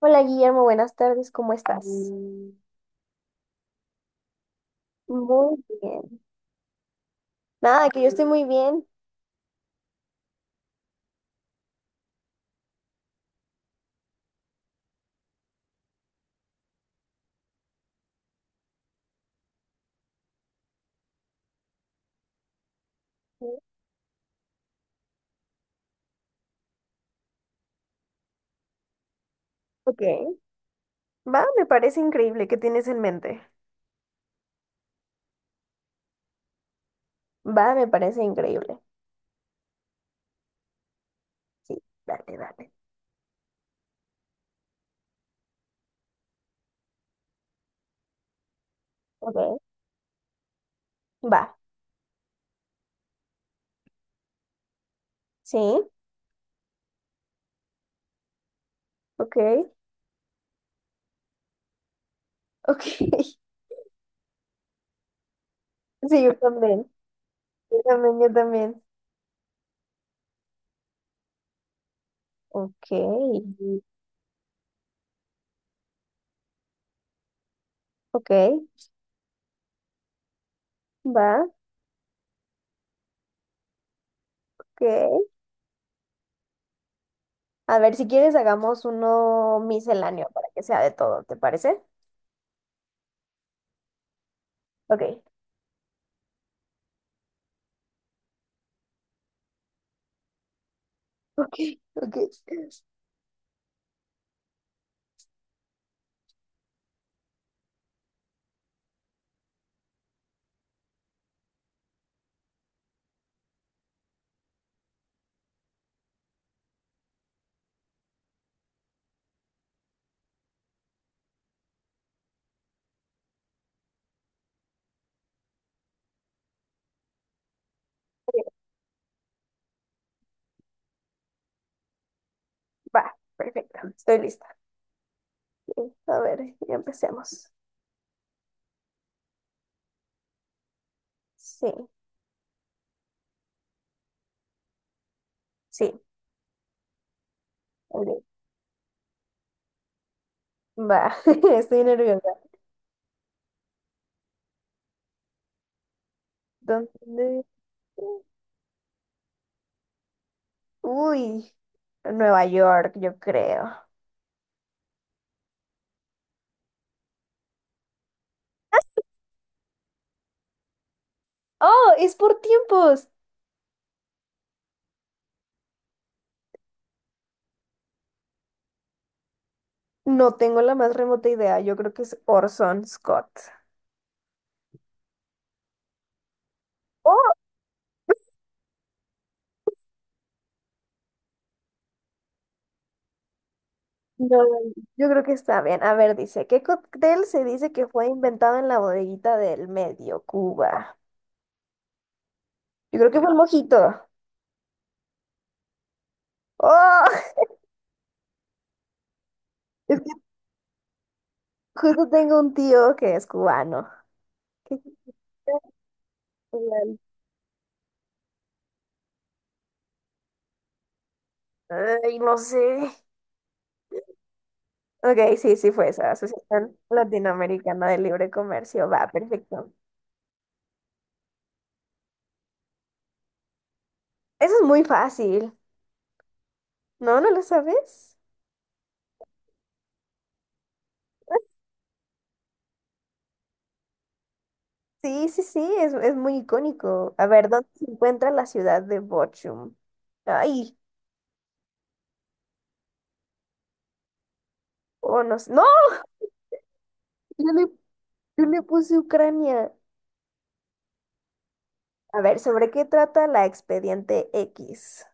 Hola Guillermo, buenas tardes, ¿cómo estás? Muy bien. Nada, que yo estoy muy bien. Ok. Va, me parece increíble. ¿Qué tienes en mente? Va, me parece increíble. Sí, dale, dale. Ok. Va, sí, ok, ok. Sí, yo también. Yo también, yo también. Ok, mm. Ok, va, ok. A ver, si quieres, hagamos uno misceláneo para que sea de todo, ¿te parece? Ok, ok, ok. Va, perfecto, estoy lista. A ver, ya empecemos. Sí, sí, ok, va, estoy nerviosa. ¿Dónde? Uy, Nueva York, yo creo. ¡Oh, es por tiempos! No tengo la más remota idea, yo creo que es Orson Scott. Oh, no, yo creo que está bien. A ver, dice, ¿qué cóctel se dice que fue inventado en la bodeguita del medio, Cuba? Yo creo que fue el mojito. ¡Oh! Es que justo tengo un tío que es cubano. ¿Qué no sé. Ok, sí, sí fue esa. Asociación Latinoamericana de Libre Comercio. Va, perfecto. Eso es muy fácil. ¿No? ¿No lo sabes? Sí, sí, sí, es muy icónico. A ver, ¿dónde se encuentra la ciudad de Bochum? Ay, oh, no sé. ¡No! Yo le, yo le puse Ucrania. A ver, ¿sobre qué trata la Expediente X?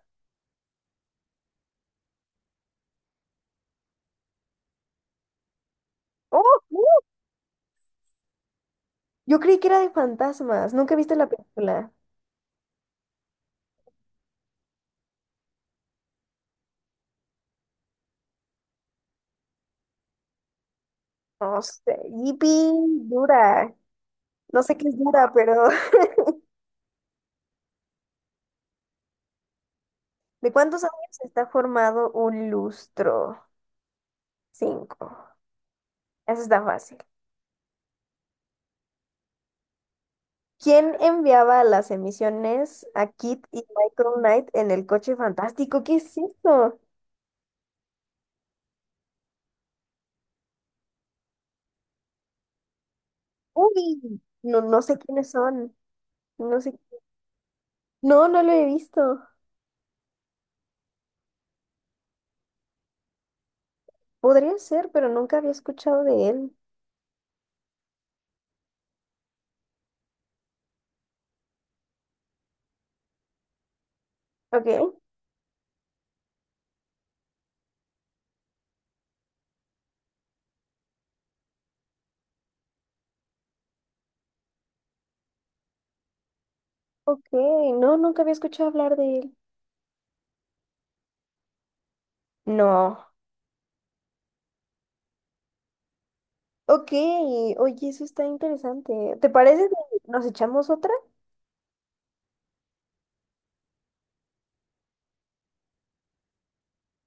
¡Oh! ¡Uh! Yo creí que era de fantasmas. ¿Nunca viste la película? No sé. Yipi, dura. No sé qué es dura, pero ¿de cuántos años está formado un lustro? Cinco. Eso está fácil. ¿Quién enviaba las emisiones a Kit y Michael Knight en el coche fantástico? ¿Qué es eso? Uy, no, no sé quiénes son. No sé. No, no lo he visto. Podría ser, pero nunca había escuchado de él. Ok, ok. No, nunca había escuchado hablar de él. No. Ok, oye, eso está interesante. ¿Te parece que nos echamos otra?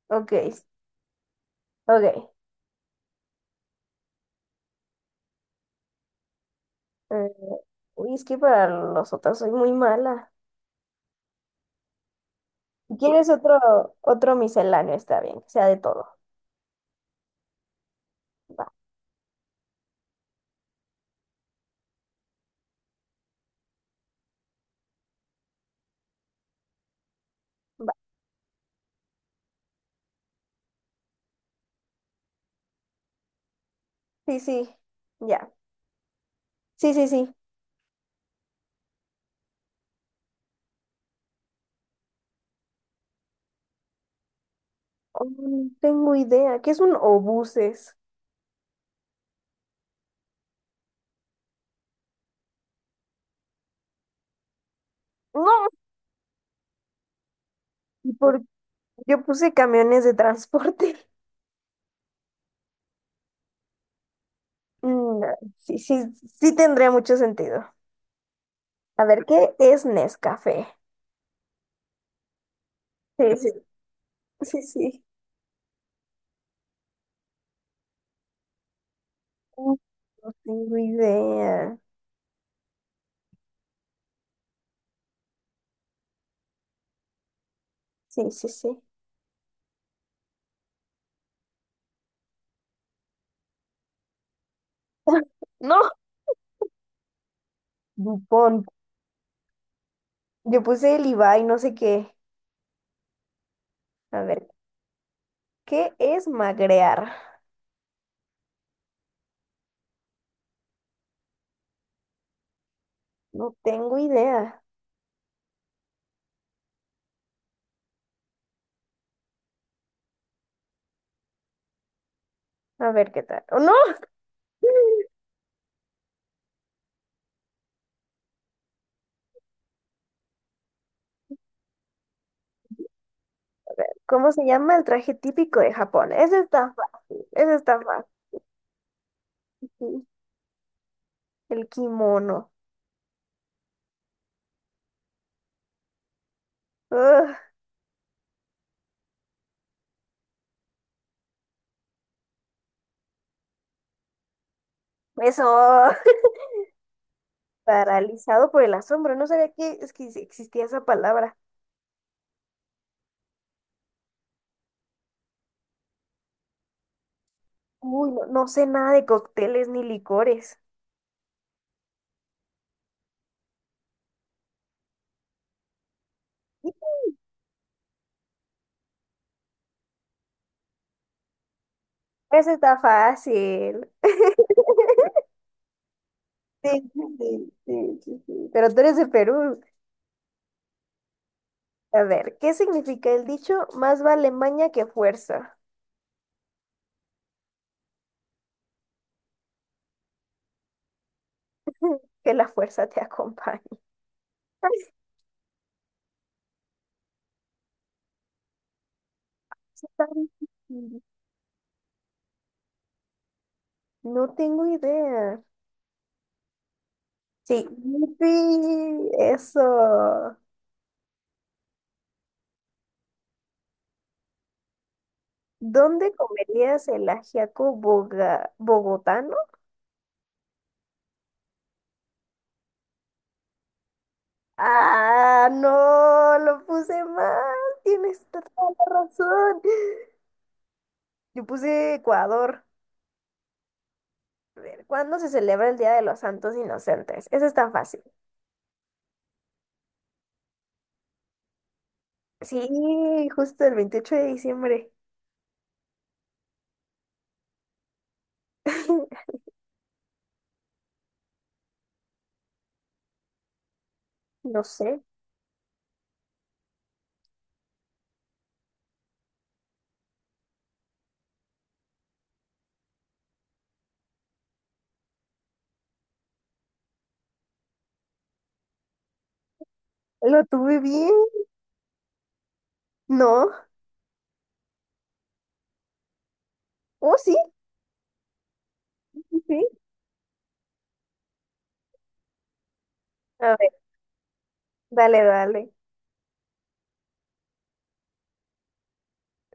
Ok, ok. Eh, es que para los otros soy muy mala. Si ¿quieres otro, otro misceláneo? Está bien, que sea de todo. Va, va. Sí, sí, ya. Sí, sí, sí. Oh, no tengo idea. ¿Qué es un obuses? No, ¿y por qué yo puse camiones de transporte? No, sí, sí, sí tendría mucho sentido. A ver, ¿qué es Nescafé? Sí, sí, sí, sí. Mm, no tengo idea. Sí, sí, sí. No, Dupont. Yo puse el Ibai, no sé qué. A ver, ¿qué es magrear? No tengo idea. A ver qué tal. ¡Oh, no! ¿Cómo se llama el traje típico de Japón? Ese está fácil, ese está fácil. El kimono. Ugh, eso. Paralizado por el asombro. No sabía es que existía esa palabra. Uy, no, no sé nada de cócteles ni licores. Ese está fácil. Sí, sí, sí, sí, sí, sí. Pero tú eres de Perú. A ver, ¿qué significa el dicho? Más vale maña que fuerza. Que la fuerza te acompañe. Ay, está difícil. No tengo idea. Sí, yupi, eso. ¿Dónde comerías el ajiaco boga- bogotano? Ah, no, lo puse mal. Tienes toda la razón. Yo puse Ecuador. A ver, ¿cuándo se celebra el Día de los Santos Inocentes? Eso es tan fácil. Sí, justo el 28 de diciembre. No sé. ¿Lo tuve bien? No. Oh, sí, sí, sí. A ver, dale, dale.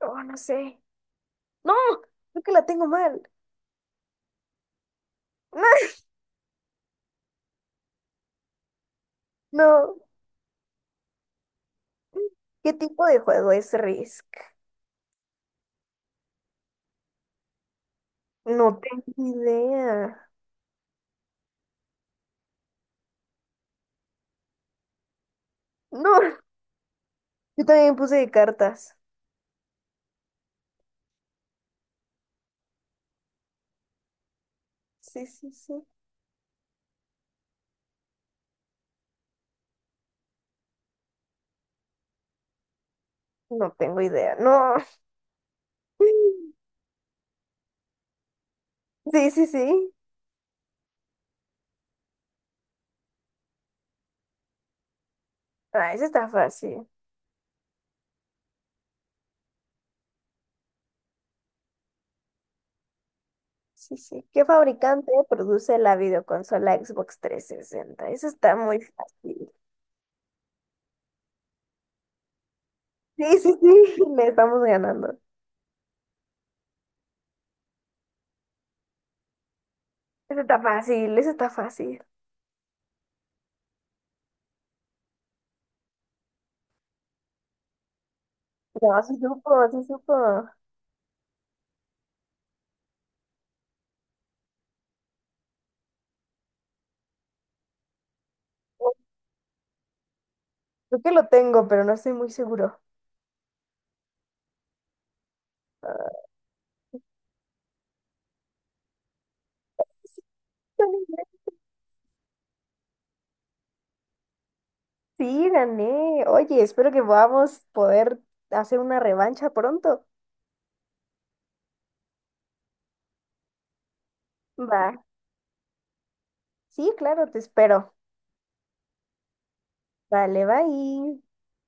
Oh, no sé. No, creo que la tengo mal. No. ¿Qué tipo de juego es Risk? No tengo idea. No, yo también puse de cartas. Sí, sí, sí. No tengo idea. No. Sí, sí, sí. Ah, eso está fácil. Sí, sí. ¿Qué fabricante produce la videoconsola Xbox 360? Eso está muy fácil. Sí, sí, sí, le estamos ganando. Eso está fácil, eso está fácil. No, sí supo, sí supo. Creo que lo tengo, pero no estoy muy seguro. Ah, sí, gané. Oye, espero que podamos poder hacer una revancha pronto. Va. Sí, claro, te espero. Vale, bye.